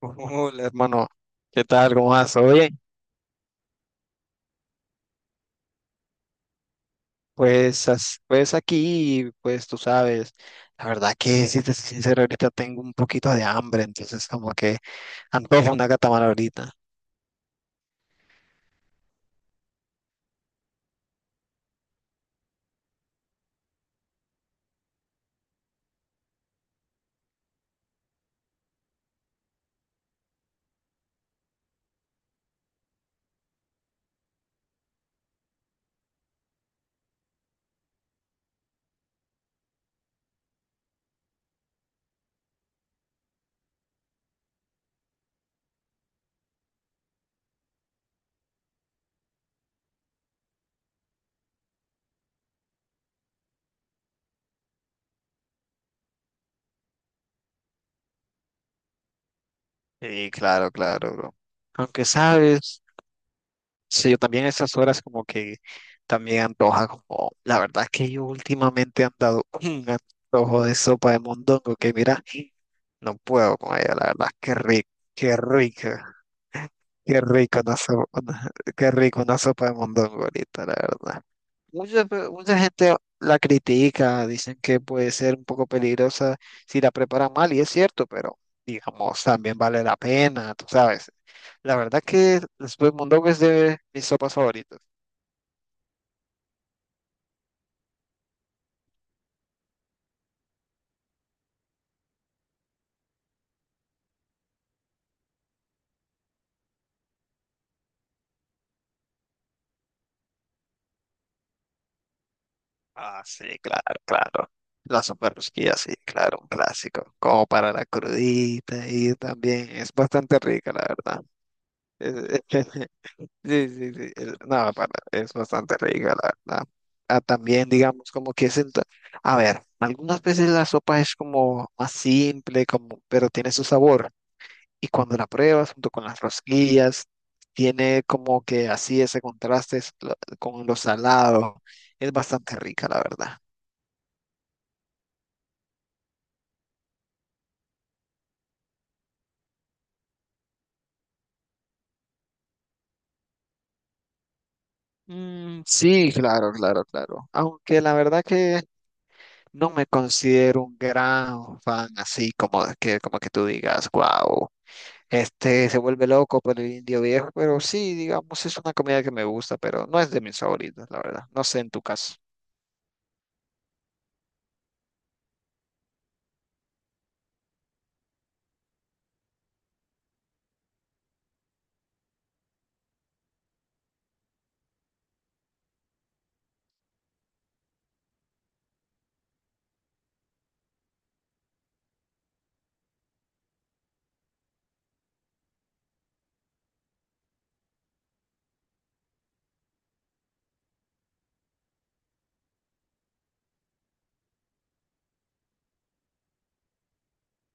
Hola, hermano, ¿qué tal? ¿Cómo vas? Oye, pues, pues aquí, pues tú sabes, la verdad que si te soy sincero, ahorita tengo un poquito de hambre, entonces como que antojo una catamara ahorita. Sí, claro, claro, bro. Aunque sabes, sí, yo también a estas horas como que también antoja como, la verdad que yo últimamente he andado un antojo de sopa de mondongo que mira, no puedo con ella, la verdad, qué rico, qué rico. Qué rico una sopa, qué rico una sopa de mondongo ahorita, la verdad. Mucha gente la critica, dicen que puede ser un poco peligrosa si la preparan mal, y es cierto, pero digamos, también vale la pena, tú sabes. La verdad que la sopa de mondongo es de mis sopas favoritas. Ah, sí, claro, claro. La sopa de rosquilla, sí, claro, un clásico. Como para la crudita y también es bastante rica, la verdad. Sí, sí, sí. el- no, para- Es bastante rica, la verdad. Ah, también, digamos, como que es a ver, algunas veces la sopa es como más simple, como, pero tiene su sabor. Y cuando la pruebas junto con las rosquillas, tiene como que así ese contraste con lo salado. Es bastante rica, la verdad. Sí, claro, claro, claro. Aunque la verdad que no me considero un gran fan así como que tú digas, wow. Este se vuelve loco por el indio viejo, pero sí, digamos, es una comida que me gusta, pero no es de mis favoritas, la verdad. No sé en tu caso.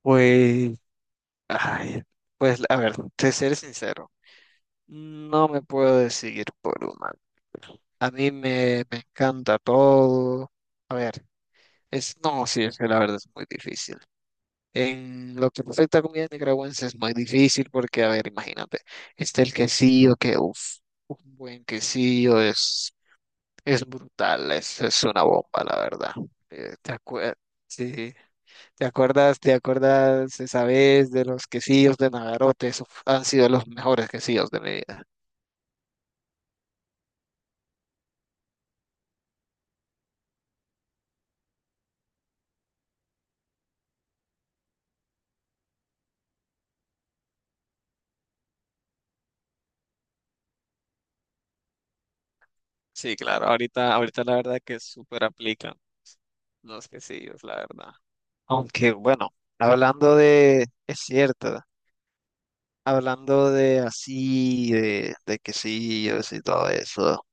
Pues, ay, pues, a ver, te seré sincero, no me puedo decidir por una. Me encanta todo. A ver, es, no, sí, es que la verdad es muy difícil. En lo que respecta a comida nicaragüense es muy difícil porque, a ver, imagínate, está el quesillo que, uff, un buen quesillo es... Es brutal, es una bomba, la verdad. Eh, ¿te acuer- sí, te acuerdas esa vez de los quesillos de Nagarote? Esos han sido los mejores quesillos de mi vida. Sí, claro, ahorita, ahorita la verdad que súper aplican los quesillos, la verdad. Aunque bueno, hablando de, es cierto, hablando de así, de quesillos y todo eso.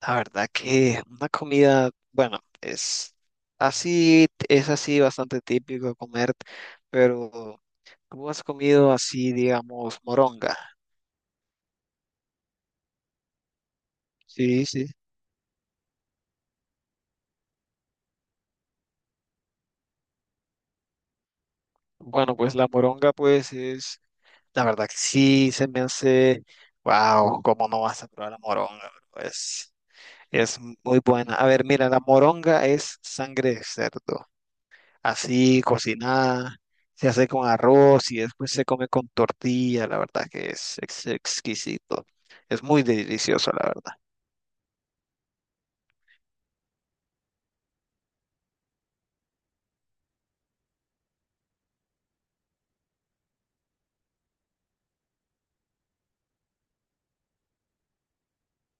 La verdad que una comida, bueno, es así bastante típico comer, pero ¿tú has comido así, digamos, moronga? Sí, sí. Bueno, pues la moronga, pues es, la verdad que sí, se me hace, wow, ¿cómo no vas a probar la moronga? Pues es muy buena. A ver, mira, la moronga es sangre de cerdo, así cocinada, se hace con arroz y después se come con tortilla, la verdad que es exquisito, es muy delicioso, la verdad.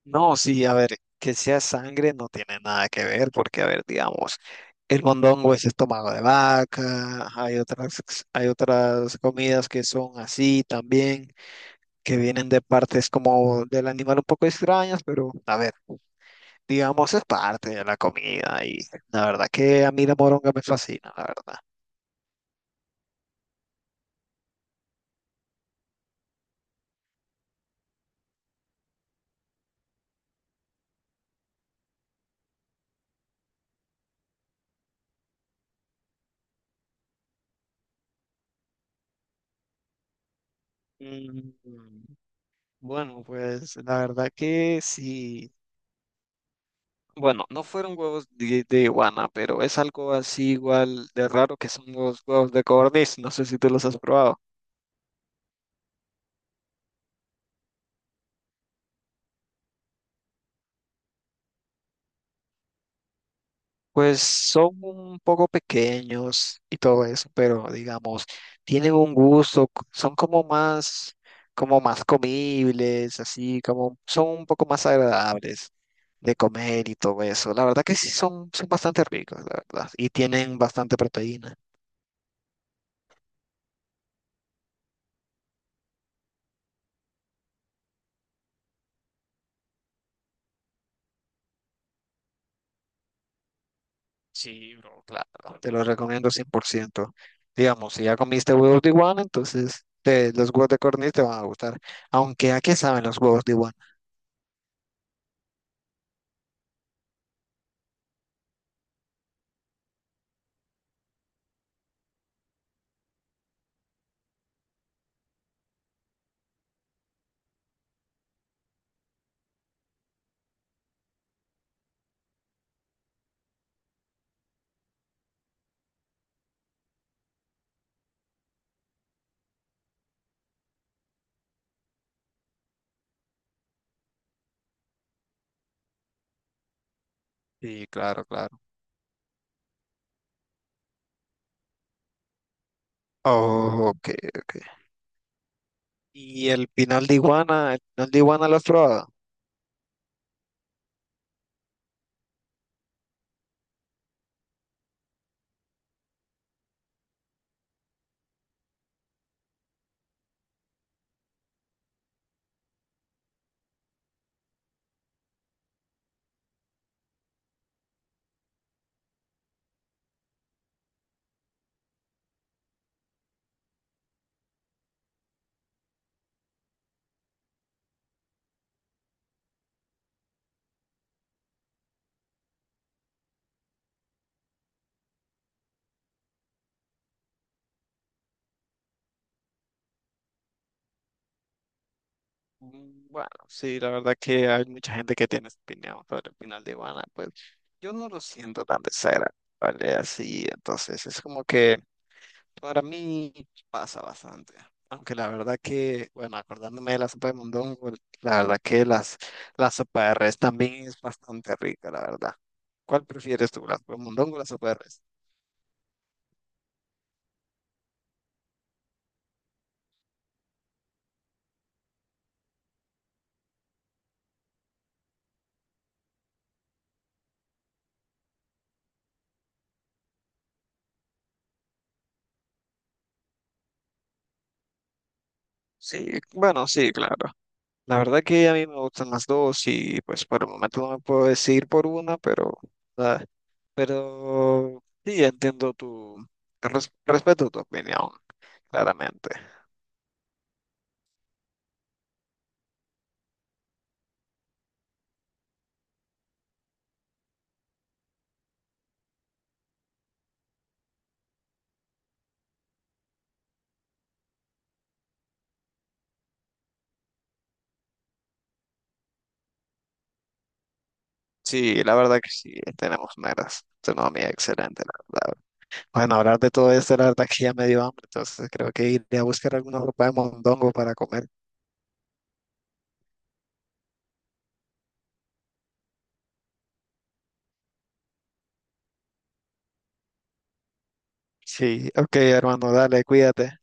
No, sí, a ver, que sea sangre no tiene nada que ver, porque, a ver, digamos, el mondongo es estómago de vaca, hay otras comidas que son así también, que vienen de partes como del animal un poco extrañas, pero a ver, digamos es parte de la comida y la verdad que a mí la moronga me fascina, la verdad. Mm, Bueno, pues la verdad que sí. Bueno, no fueron huevos de iguana, pero es algo así igual de raro que son los huevos de codorniz. No sé si tú los has probado. Pues son un poco pequeños y todo eso, pero digamos, tienen un gusto, son como más comibles, así como son un poco más agradables de comer y todo eso. La verdad que sí son, son bastante ricos, la verdad, y tienen bastante proteína. Sí, bro, claro. Te lo recomiendo 100%. Digamos, si ya comiste huevos de iguana, entonces los huevos de codorniz te van a gustar. Aunque, ¿a qué saben los huevos de iguana? Sí, claro, claro. Oh, ok, ok. ¿Y el pinal de iguana? ¿El pinal de iguana lo has probado? Bueno, sí, la verdad que hay mucha gente que tiene opinión sobre el pinal de iguana. Pues yo no lo siento tan de cera, ¿vale? Así, entonces es como que para mí pasa bastante, aunque la verdad que, bueno, acordándome de la sopa de mondongo, la verdad que la sopa de res también es bastante rica, la verdad. ¿Cuál prefieres tú, la sopa de mondongo o la sopa de res? Sí, bueno, sí, claro. La verdad que a mí me gustan las dos y pues por el momento no me puedo decidir por una, pero, ah, pero sí, entiendo tu, respeto tu opinión, claramente. Sí, la verdad que sí, tenemos meras, tenemos excelente, la verdad. Bueno, hablar de todo esto, la verdad que ya me dio hambre, entonces creo que iré a buscar alguna ropa de mondongo para comer. Sí, ok, hermano, dale, cuídate.